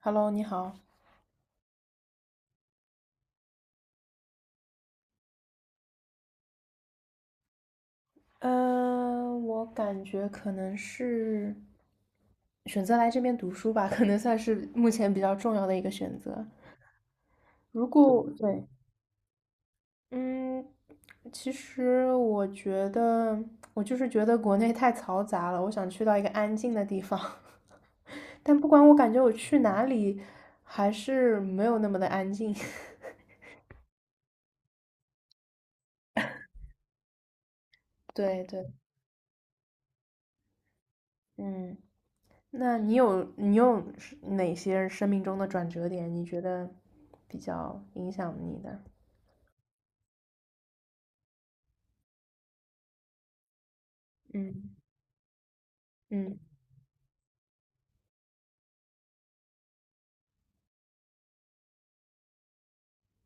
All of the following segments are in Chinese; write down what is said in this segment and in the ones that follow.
Hello，你好。我感觉可能是选择来这边读书吧，可能算是目前比较重要的一个选择。如果对，嗯，其实我觉得我就是觉得国内太嘈杂了，我想去到一个安静的地方。但不管我感觉我去哪里，还是没有那么的安静。对对，嗯。那你有是哪些生命中的转折点？你觉得比较影响你的？嗯嗯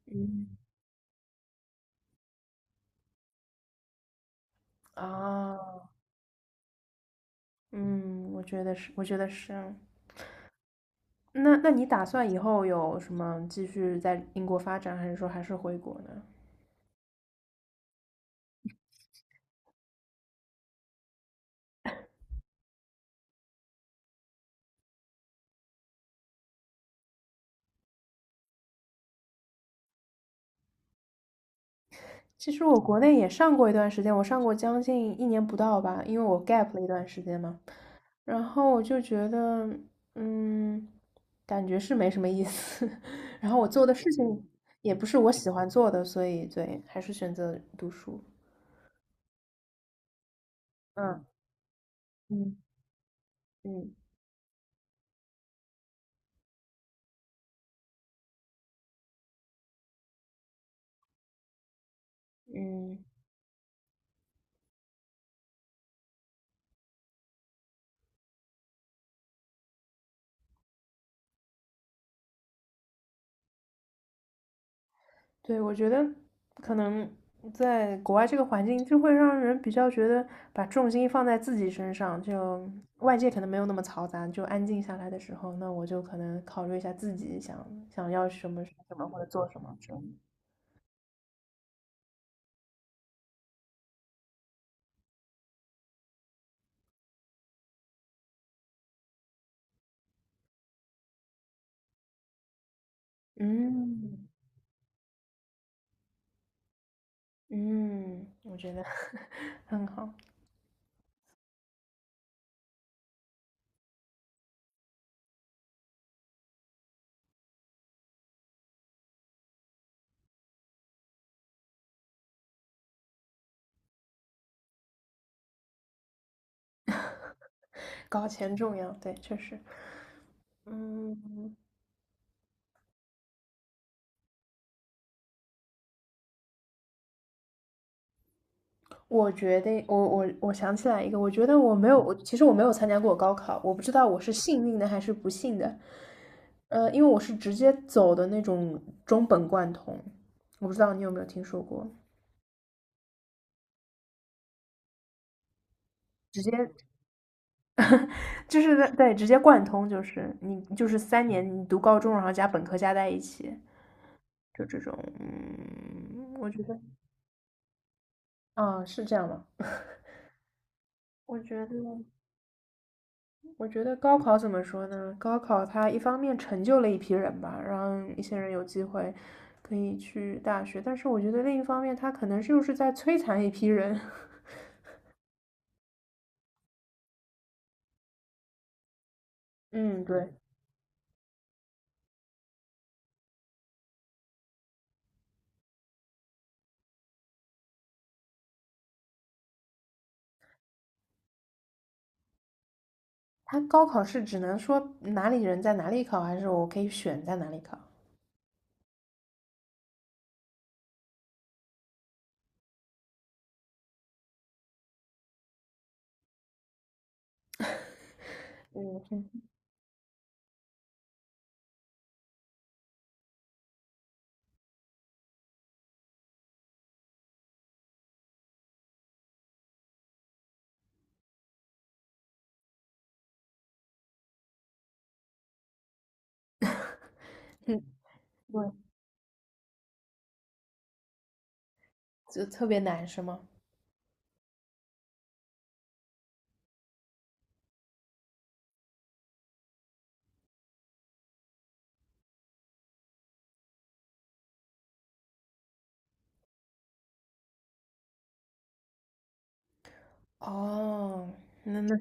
嗯。啊，嗯，我觉得是，我觉得是啊。那你打算以后有什么继续在英国发展，还是说还是回国呢？其实我国内也上过一段时间，我上过将近一年不到吧，因为我 gap 了一段时间嘛。然后我就觉得，嗯，感觉是没什么意思。然后我做的事情也不是我喜欢做的，所以对，还是选择读书。嗯嗯嗯嗯，对，我觉得可能在国外这个环境，就会让人比较觉得把重心放在自己身上，就外界可能没有那么嘈杂，就安静下来的时候，那我就可能考虑一下自己想想要什么什么或者做什么之类的嗯嗯，我觉得 很好，搞钱重要，对，确实。嗯，我觉得我想起来一个，我觉得我没有，我其实没有参加过高考，我不知道我是幸运的还是不幸的。因为我是直接走的那种中本贯通，我不知道你有没有听说过，直接就是在对直接贯通，就是你就是三年你读高中，然后加本科加在一起，就这种，我觉得啊是这样吗？我觉得，我觉得高考怎么说呢？高考它一方面成就了一批人吧，让一些人有机会可以去大学，但是我觉得另一方面，它可能就是在摧残一批人。嗯，对。他高考是只能说哪里人在哪里考，还是我可以选在哪里考？嗯，嗯，嗯对，就特别难是吗？哦，那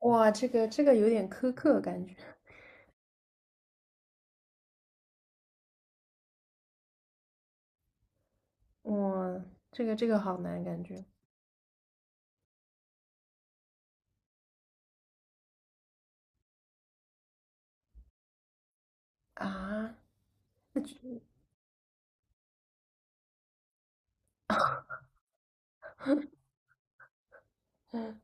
哇，这个有点苛刻感觉，哇，这个好难感觉啊，那就嗯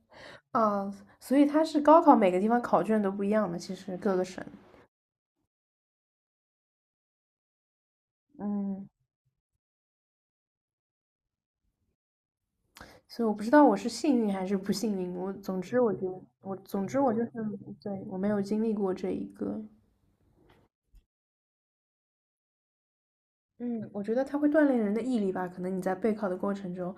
啊，所以他是高考每个地方考卷都不一样的，其实各个省，嗯，所以我不知道我是幸运还是不幸运，我总之我就是对我没有经历过这一个，嗯，我觉得它会锻炼人的毅力吧，可能你在备考的过程中，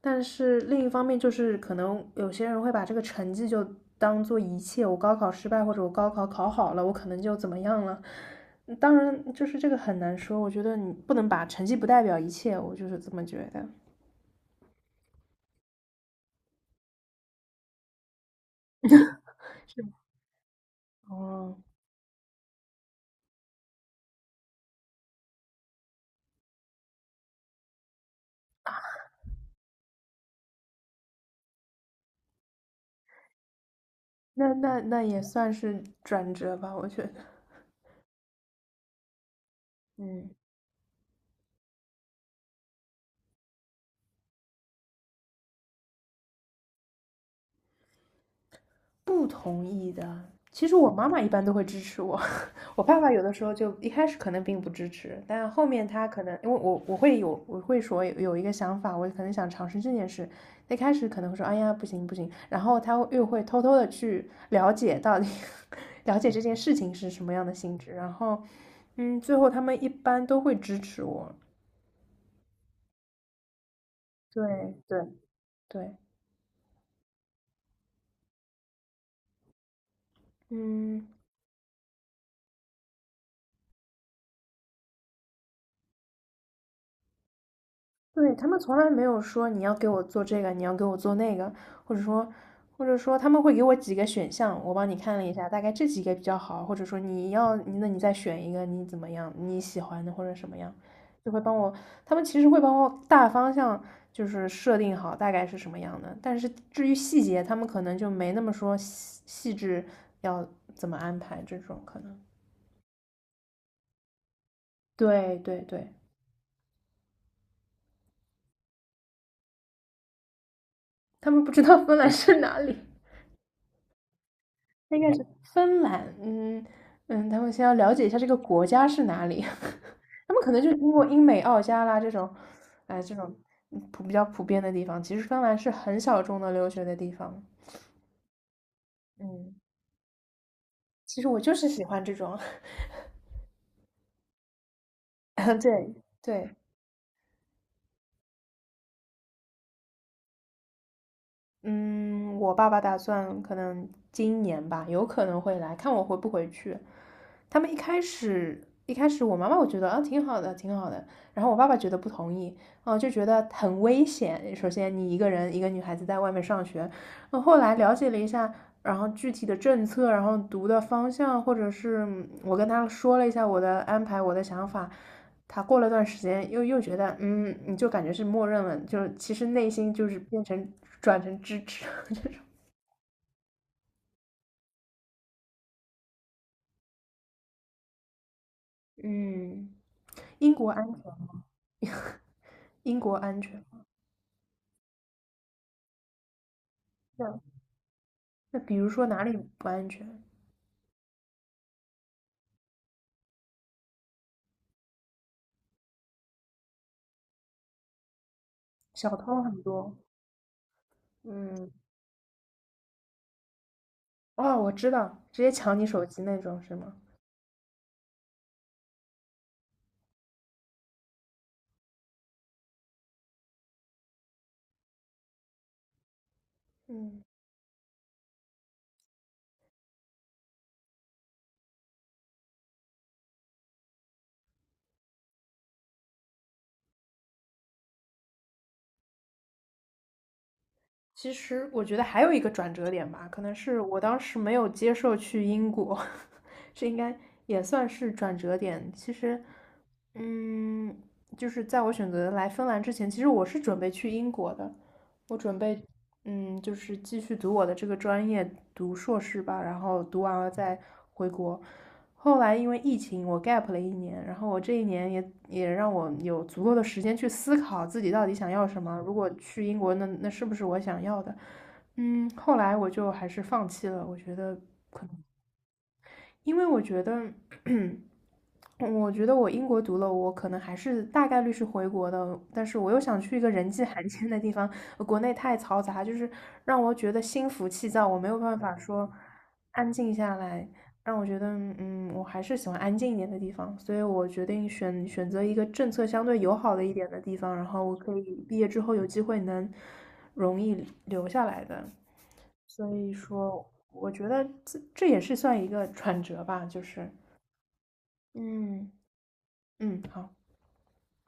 但是另一方面就是，可能有些人会把这个成绩就当做一切，我高考失败或者我高考考好了，我可能就怎么样了。当然，就是这个很难说，我觉得你不能把成绩不代表一切，我就是这么觉得。哦，那也算是转折吧，我觉得。嗯，不同意的，其实我妈妈一般都会支持我。我爸爸有的时候就一开始可能并不支持，但后面他可能因为我会说有一个想法，我可能想尝试这件事。一开始可能会说哎呀不行不行，然后他又会偷偷的去了解到底 了解这件事情是什么样的性质，然后最后他们一般都会支持我。对对对，嗯。对，他们从来没有说你要给我做这个，你要给我做那个，或者说，或者说，他们会给我几个选项，我帮你看了一下，大概这几个比较好，或者说你要，那你再选一个，你怎么样，你喜欢的或者什么样，就会帮我，他们其实会帮我大方向就是设定好大概是什么样的，但是至于细节，他们可能就没那么说细细致要怎么安排这种可能。对对对，他们不知道芬兰是哪里。应该是芬兰，嗯嗯，他们先要了解一下这个国家是哪里，他们可能就是经过英美澳加啦这种，哎，这种嗯普比较普遍的地方。其实芬兰是很小众的留学的地方，嗯，其实我就是喜欢这种，对对，嗯，我爸爸打算可能今年吧，有可能会来看我回不回去。他们一开始，我妈妈我觉得啊挺好的，挺好的。然后我爸爸觉得不同意，啊就觉得很危险。首先你一个人一个女孩子在外面上学，那后来了解了一下，然后具体的政策，然后读的方向，或者是嗯我跟他说了一下我的安排，我的想法。他过了段时间又觉得，嗯，你就感觉是默认了，就是其实内心就是转成支持 这种。嗯，英国安全吗，英国安全。那那比如说哪里不安全？小偷很多。嗯，哦，我知道，直接抢你手机那种是吗？嗯。其实我觉得还有一个转折点吧，可能是我当时没有接受去英国，这应该也算是转折点。其实，嗯，就是在我选择来芬兰之前，其实我是准备去英国的，我准备，就是继续读我的这个专业，读硕士吧，然后读完了再回国。后来因为疫情，我 gap 了一年，然后我这一年也也让我有足够的时间去思考自己到底想要什么。如果去英国，那是不是我想要的？嗯，后来我就还是放弃了，我觉得因为我觉得我英国读了，我可能还是大概率是回国的，但是我又想去一个人迹罕见的地方，呃国内太嘈杂，就是让我觉得心浮气躁，我没有办法说安静下来，让我觉得，嗯，我还是喜欢安静一点的地方，所以我决定选择一个政策相对友好的一点的地方，然后我可以毕业之后有机会能容易留下来的。所以说，我觉得这也是算一个转折吧，就是，嗯嗯，好。